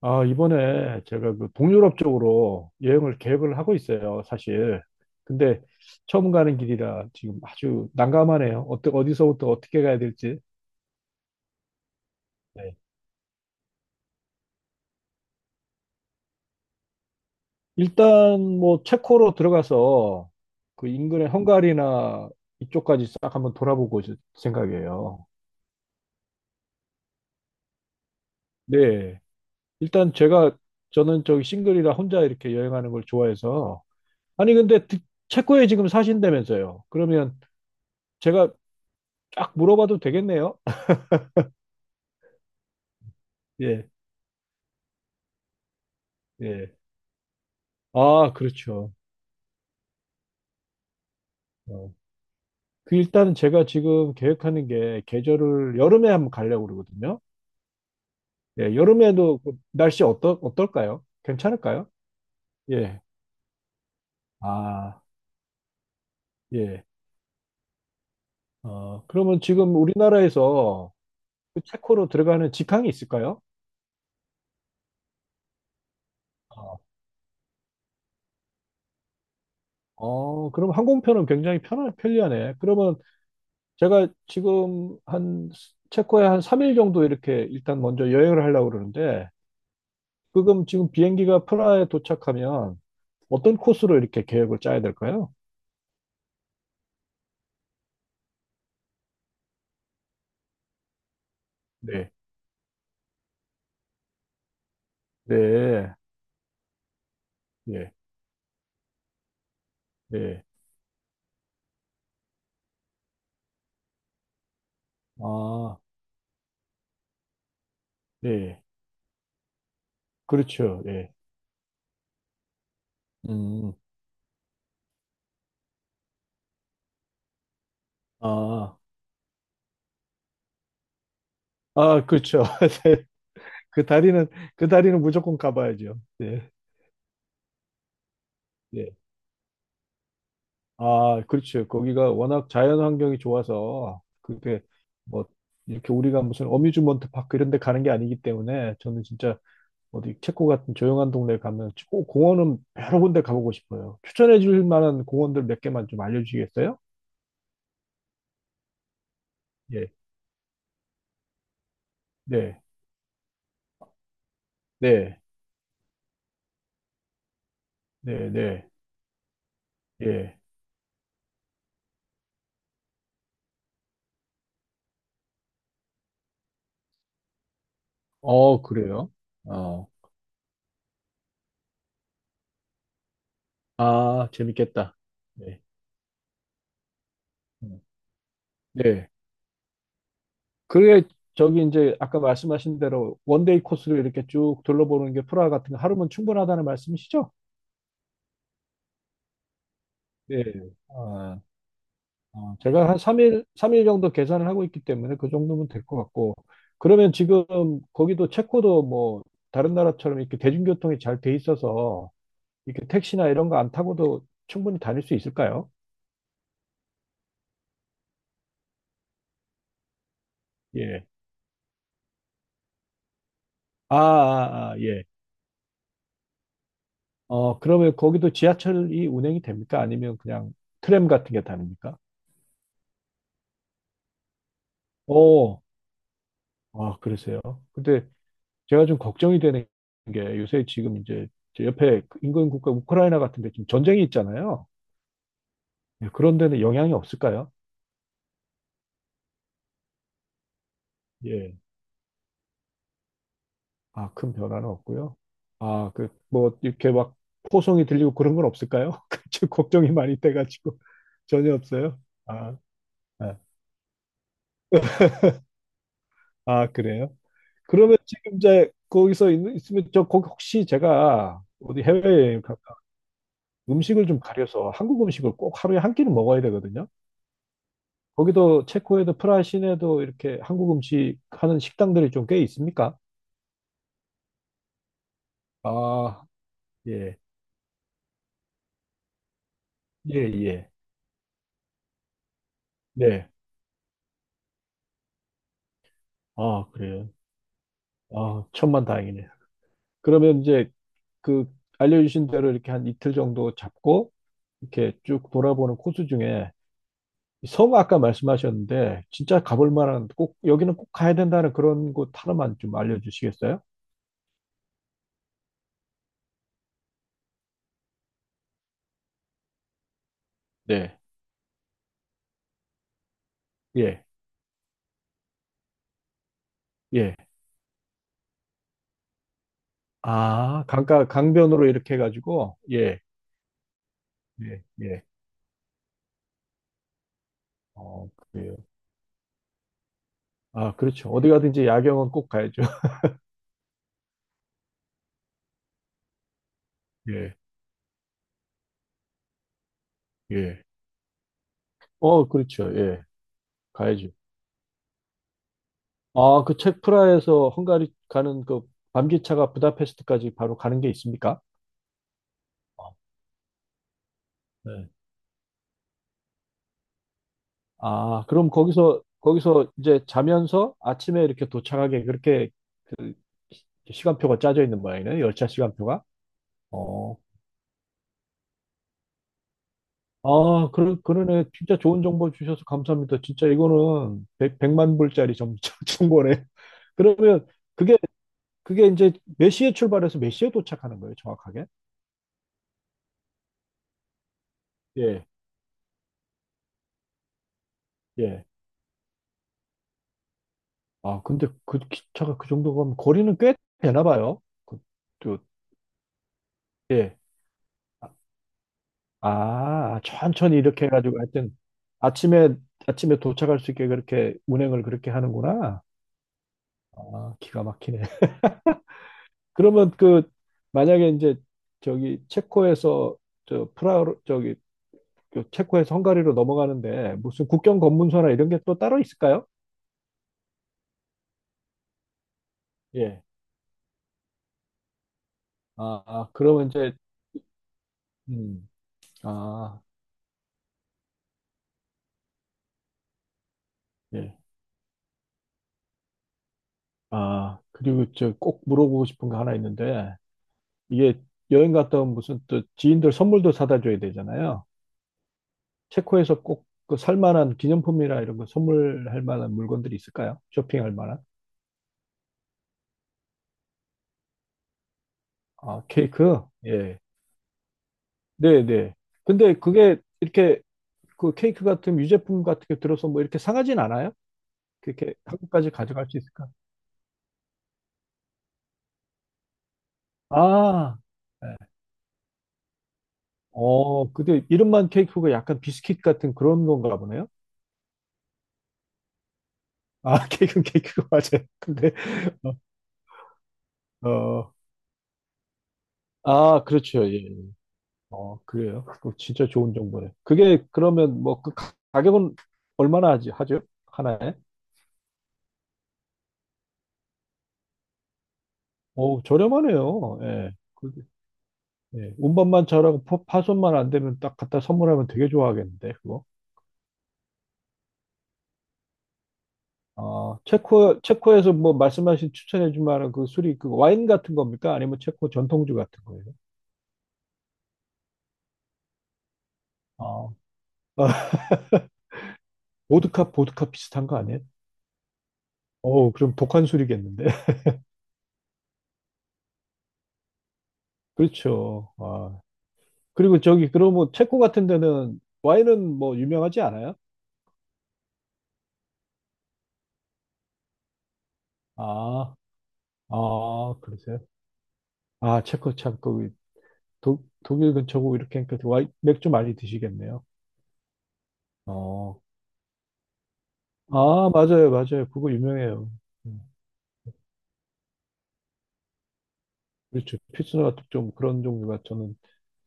아, 이번에 제가 그 동유럽 쪽으로 여행을 계획을 하고 있어요, 사실. 근데 처음 가는 길이라 지금 아주 난감하네요. 어떻 어디서부터 어떻게 가야 될지. 네. 일단 뭐 체코로 들어가서 그 인근의 헝가리나 이쪽까지 싹 한번 돌아보고 있을 생각이에요. 네. 일단 제가 저는 저기 싱글이라 혼자 이렇게 여행하는 걸 좋아해서 아니 근데 체코에 지금 사신다면서요. 그러면 제가 쫙 물어봐도 되겠네요. 예. 예. 아, 그렇죠. 어. 그 일단은 제가 지금 계획하는 게 계절을 여름에 한번 가려고 그러거든요. 예, 여름에도 그 날씨 어떨까요? 괜찮을까요? 예. 아, 예. 어, 그러면 지금 우리나라에서 그 체코로 들어가는 직항이 있을까요? 어, 어, 그럼 항공편은 굉장히 편리하네. 그러면 제가 지금 한 체코에 한 3일 정도 이렇게 일단 먼저 여행을 하려고 그러는데 그럼 지금 비행기가 프라하에 도착하면 어떤 코스로 이렇게 계획을 짜야 될까요? 네, 네, 예, 네. 아, 네. 그렇죠. 예. 음, 아, 아, 그렇죠. 네. 그 다리는, 그 다리는 무조건 가봐야죠. 네, 예. 아, 그렇죠. 거기가 워낙 자연 환경이 좋아서, 그게 뭐, 이렇게 우리가 무슨 어뮤즈먼트 파크 이런 데 가는 게 아니기 때문에 저는 진짜 어디 체코 같은 조용한 동네 가면 꼭 공원은 여러 군데 가보고 싶어요. 추천해 줄 만한 공원들 몇 개만 좀 알려주시겠어요? 예, 네, 네, 네, 네, 예. 어, 그래요? 어, 아, 재밌겠다. 네, 음. 네. 그게 저기 이제 아까 말씀하신 대로 원데이 코스로 이렇게 쭉 둘러보는 게 프라하 같은 거 하루면 충분하다는 말씀이시죠? 네. 아, 어, 제가 한 삼일 정도 계산을 하고 있기 때문에 그 정도면 될 것 같고, 그러면 지금 거기도 체코도 뭐 다른 나라처럼 이렇게 대중교통이 잘 돼 있어서 이렇게 택시나 이런 거 안 타고도 충분히 다닐 수 있을까요? 예. 아, 아, 아, 예. 어, 그러면 거기도 지하철이 운행이 됩니까? 아니면 그냥 트램 같은 게 다닙니까? 오, 아, 그러세요. 근데 제가 좀 걱정이 되는 게 요새 지금 이제 제 옆에 인근 국가 우크라이나 같은 데 지금 전쟁이 있잖아요. 예, 그런 데는 영향이 없을까요? 예. 아, 큰 변화는 없고요. 아, 그, 뭐, 이렇게 막 포송이 들리고 그런 건 없을까요? 그 걱정이 많이 돼가지고 전혀 없어요. 아, 아, 아, 그래요? 그러면 지금 이제 거기서 있으면 저 거기 혹시 제가 어디 해외에 음식을 좀 가려서 한국 음식을 꼭 하루에 한 끼는 먹어야 되거든요. 거기도 체코에도 프라하 시내도 이렇게 한국 음식 하는 식당들이 좀 꽤 있습니까? 아, 예, 예, 예, 네. 아, 그래요. 아, 천만 다행이네. 그러면 이제 그 알려주신 대로 이렇게 한 이틀 정도 잡고 이렇게 쭉 돌아보는 코스 중에 섬 아까 말씀하셨는데 진짜 가볼 만한 꼭 여기는 꼭 가야 된다는 그런 곳 하나만 좀 알려주시겠어요? 네. 예, 예. 아, 강가, 강변으로 이렇게 해가지고, 예, 예, 예. 어, 그래요. 아, 그렇죠. 어디 가든지 야경은 꼭 가야죠. 예, 예. 어, 그렇죠. 예, 가야죠. 아, 그 책 프라에서 헝가리 가는 그 밤기차가 부다페스트까지 바로 가는 게 있습니까? 아, 네. 아, 그럼 거기서 이제 자면서 아침에 이렇게 도착하게 그렇게 시간표가 짜져 있는 모양이네. 열차 시간표가. 어, 아, 그러네. 진짜 좋은 정보 주셔서 감사합니다. 진짜 이거는 만 불짜리 정보네. 그러면 그게, 그게 이제 몇 시에 출발해서 몇 시에 도착하는 거예요, 정확하게? 예, 예. 아, 근데 그 기차가 그 정도 가면 거리는 꽤 되나 봐요. 그, 또, 예. 아, 천천히 이렇게 해가지고 하여튼 아침에, 아침에 도착할 수 있게 그렇게 운행을 그렇게 하는구나. 아, 기가 막히네. 그러면 그, 만약에 이제 저기 체코에서 저 프라, 저기 그 체코에서 헝가리로 넘어가는데 무슨 국경 검문소나 이런 게 또 따로 있을까요? 예. 아, 아, 그러면 이제, 음, 아, 예. 아, 그리고 저 꼭 물어보고 싶은 거 하나 있는데, 이게 여행 갔다 온 무슨 또 지인들 선물도 사다 줘야 되잖아요. 체코에서 꼭 그 살 만한 기념품이나 이런 거 선물할 만한 물건들이 있을까요? 쇼핑할 만한? 아, 케이크? 예. 네네. 근데 그게 이렇게 그 케이크 같은 유제품 같은 게 들어서 뭐 이렇게 상하진 않아요? 그렇게 한국까지 가져갈 수 있을까? 아, 네. 어, 근데 이름만 케이크가 약간 비스킷 같은 그런 건가 보네요. 아, 케이크는 케이크가 맞아요. 근데 어, 어, 아, 그렇죠. 예. 예. 어, 그래요. 그거 진짜 좋은 정보네. 그게 그러면 뭐 그 가격은 얼마나 하죠? 하나에? 어, 저렴하네요. 예. 그, 예. 운반만 잘하고 파손만 안 되면 딱 갖다 선물하면 되게 좋아하겠는데, 그거. 아, 체코, 체코에서 뭐 말씀하신 추천해 줄 만한 그 술이 그 와인 같은 겁니까? 아니면 체코 전통주 같은 거예요? 아, 보드카 비슷한 거 아니에요? 어, 그럼 독한 술이겠는데. 그렇죠. 아, 그리고 저기 그러면 체코 같은 데는 와인은 뭐 유명하지 않아요? 아, 아, 그러세요? 아, 체코 참 거기 독일 근처고 이렇게 하니까 와인 맥주 많이 드시겠네요. 어. 아, 맞아요, 맞아요. 그거 유명해요. 음, 그렇죠. pilsner 같은 좀 그런 종류가 저는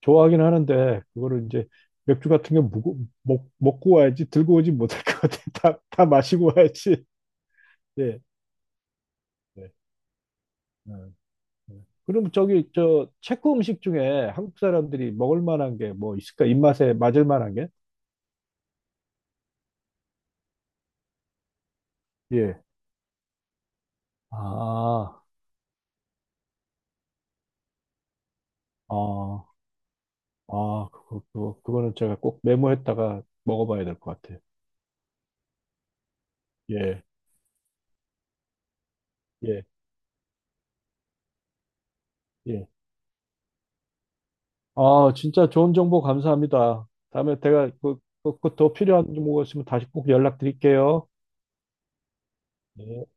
좋아하긴 하는데 그거를 이제 맥주 같은 게 먹고 와야지 들고 오지 못할 것 같아요. 다 마시고 와야지. 네. 네. 그럼 저기 저 체코 음식 중에 한국 사람들이 먹을 만한 게 뭐 있을까? 입맛에 맞을 만한 게? 예. 아, 아, 아, 그거는 제가 꼭 메모했다가 먹어봐야 될 것 같아요. 예, 예, 예. 아, 진짜 좋은 정보 감사합니다. 다음에 제가 그 더 필요한 정보가 있으면 다시 꼭 연락드릴게요. 네.